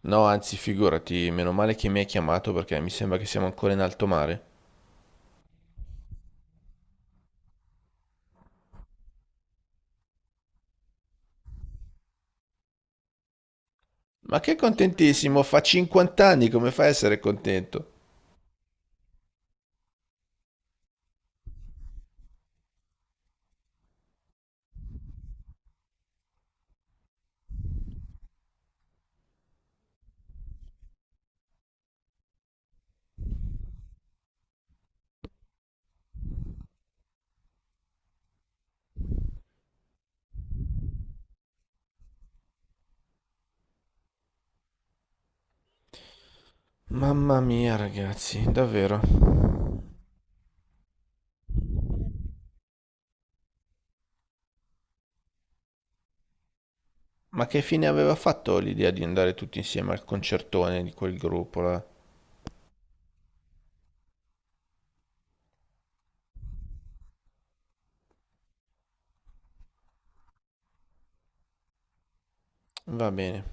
No, anzi, figurati, meno male che mi hai chiamato perché mi sembra che siamo ancora in alto mare. Ma che contentissimo, fa 50 anni, come fai a essere contento? Mamma mia, ragazzi, davvero. Ma che fine aveva fatto l'idea di andare tutti insieme al concertone di quel gruppo là? Va bene.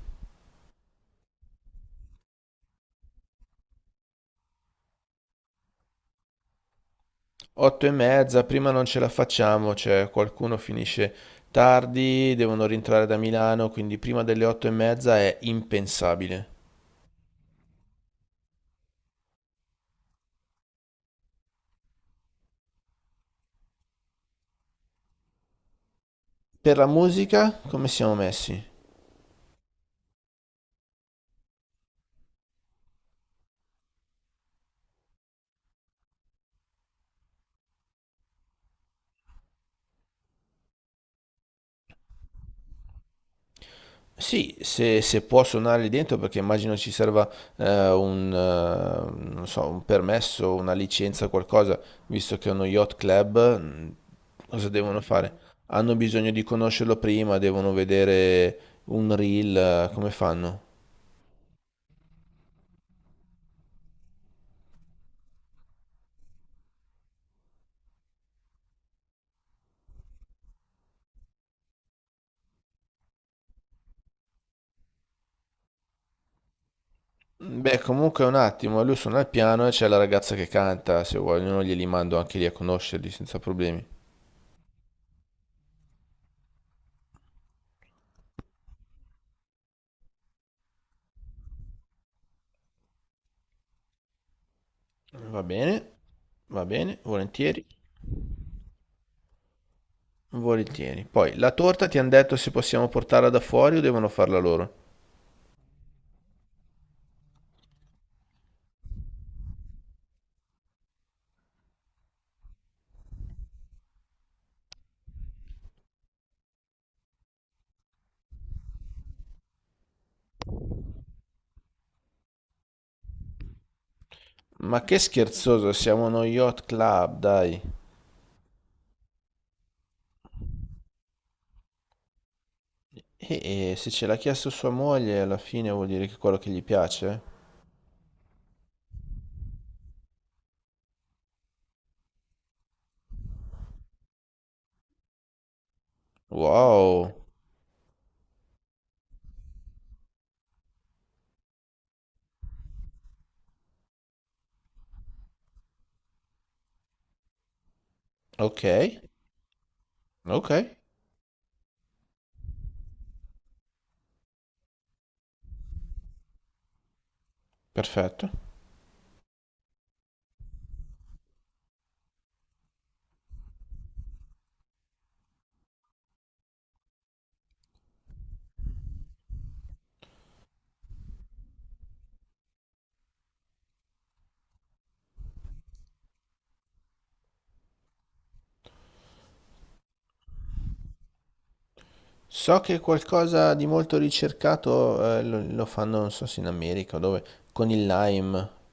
Otto e mezza, prima non ce la facciamo, cioè qualcuno finisce tardi, devono rientrare da Milano, quindi prima delle otto e mezza è impensabile. Per la musica, come siamo messi? Sì, se può suonare lì dentro, perché immagino ci serva un, non so, un permesso, una licenza, qualcosa, visto che è uno yacht club, cosa devono fare? Hanno bisogno di conoscerlo prima, devono vedere un reel, come fanno? Beh, comunque un attimo, lui suona il piano e c'è la ragazza che canta, se vogliono glieli mando anche lì a conoscerli senza problemi. Va bene, va bene, volentieri. Volentieri. Poi, la torta ti hanno detto se possiamo portarla da fuori o devono farla loro? Ma che scherzoso, siamo uno yacht club, dai. E se ce l'ha chiesto sua moglie, alla fine vuol dire che è quello che gli piace? Wow. Ok, ok, perfetto. So che qualcosa di molto ricercato lo, lo fanno, non so se in America o dove, con il lime.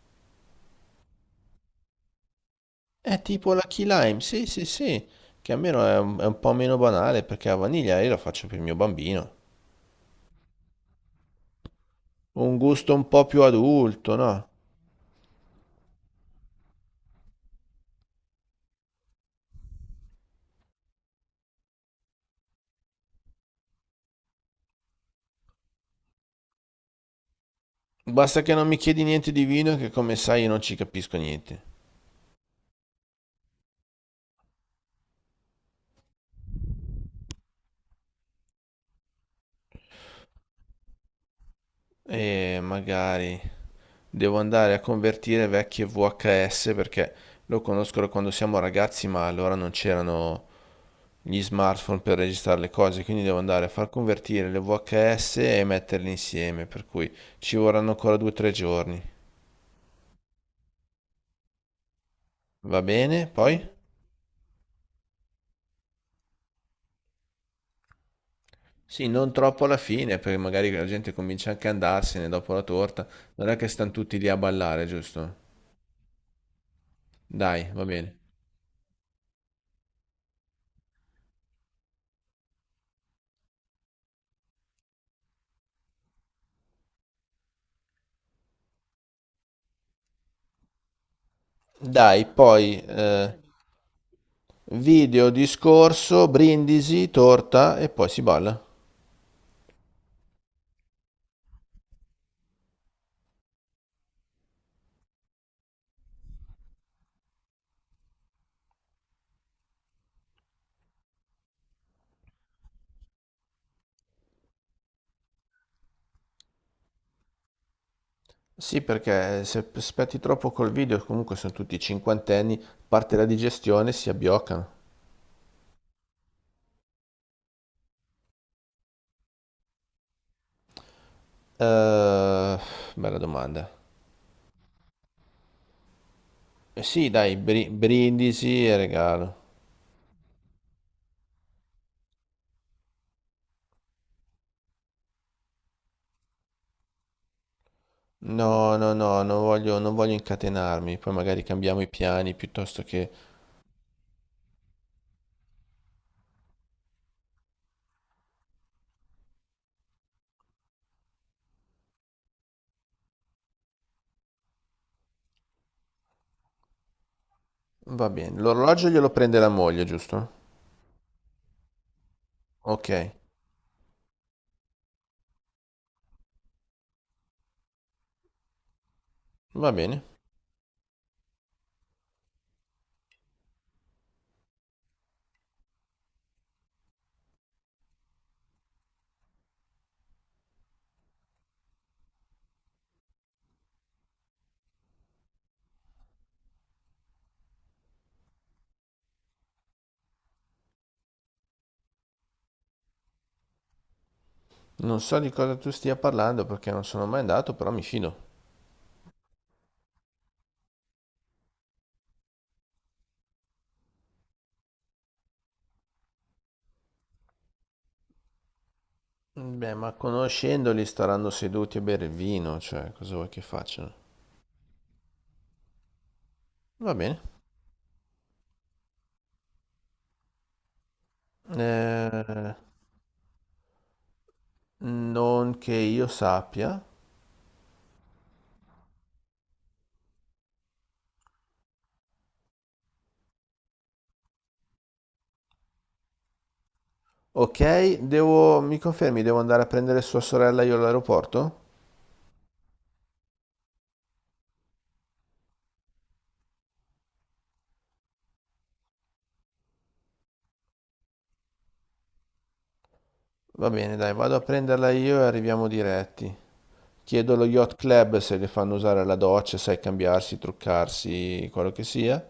È tipo la key lime, sì, sì, sì. Che almeno è un po' meno banale perché la vaniglia io la faccio per il mio bambino. Un gusto un po' più adulto, no? Basta che non mi chiedi niente di vino che come sai io non ci capisco niente. E magari devo andare a convertire vecchie VHS perché lo conosco da quando siamo ragazzi, ma allora non c'erano gli smartphone per registrare le cose, quindi devo andare a far convertire le VHS e metterle insieme, per cui ci vorranno ancora due o tre giorni. Va bene? Poi? Sì, non troppo alla fine, perché magari la gente comincia anche a andarsene dopo la torta. Non è che stanno tutti lì a ballare, giusto? Dai, va bene. Dai, poi video, discorso, brindisi, torta e poi si balla. Sì, perché se aspetti troppo col video, comunque sono tutti cinquantenni, parte la digestione, si abbioccano. Eh, bella domanda. Eh sì, dai, brindisi e regalo. No, non voglio, non voglio incatenarmi, poi magari cambiamo i piani piuttosto che... Va bene, l'orologio glielo prende la moglie, giusto? Ok, va bene. Non so di cosa tu stia parlando perché non sono mai andato, però mi fido. Beh, ma conoscendoli staranno seduti a bere il vino, cioè, cosa vuoi che facciano? Va bene. Eh, non che io sappia. Ok, devo... mi confermi, devo andare a prendere sua sorella io all'aeroporto? Va bene, dai, vado a prenderla io e arriviamo diretti. Chiedo allo yacht club se le fanno usare la doccia, sai, cambiarsi, truccarsi, quello che sia.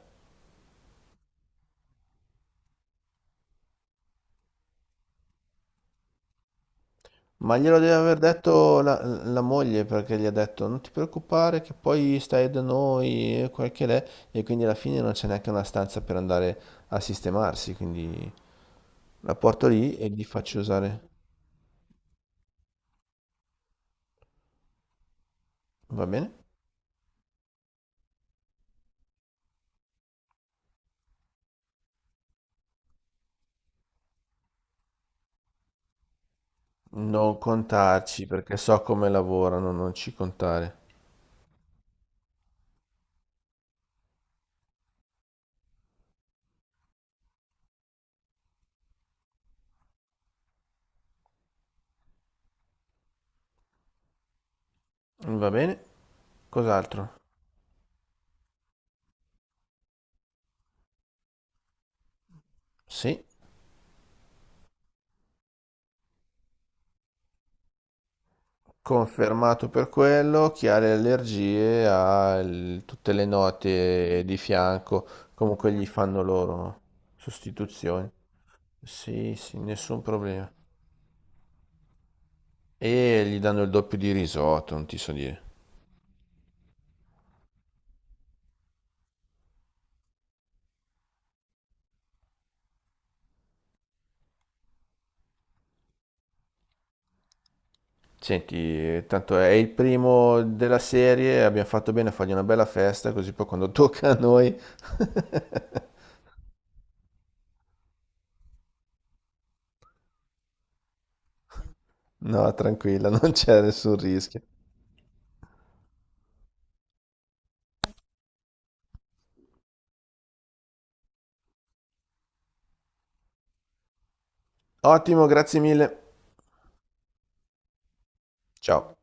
Ma glielo deve aver detto la moglie perché gli ha detto non ti preoccupare che poi stai da noi e quel che l'è e quindi alla fine non c'è neanche una stanza per andare a sistemarsi, quindi la porto lì e gli faccio usare. Va bene? Non contarci perché so come lavorano, non ci contare. Va bene? Cos'altro? Sì. Confermato per quello, chi ha le allergie ha tutte le note di fianco, comunque gli fanno loro sostituzioni. Sì, sì, nessun problema. E gli danno il doppio di risotto, non ti so dire. Senti, tanto è il primo della serie, abbiamo fatto bene a fargli una bella festa, così poi quando tocca a noi, no, tranquilla, non c'è nessun rischio. Ottimo, grazie mille. Ciao.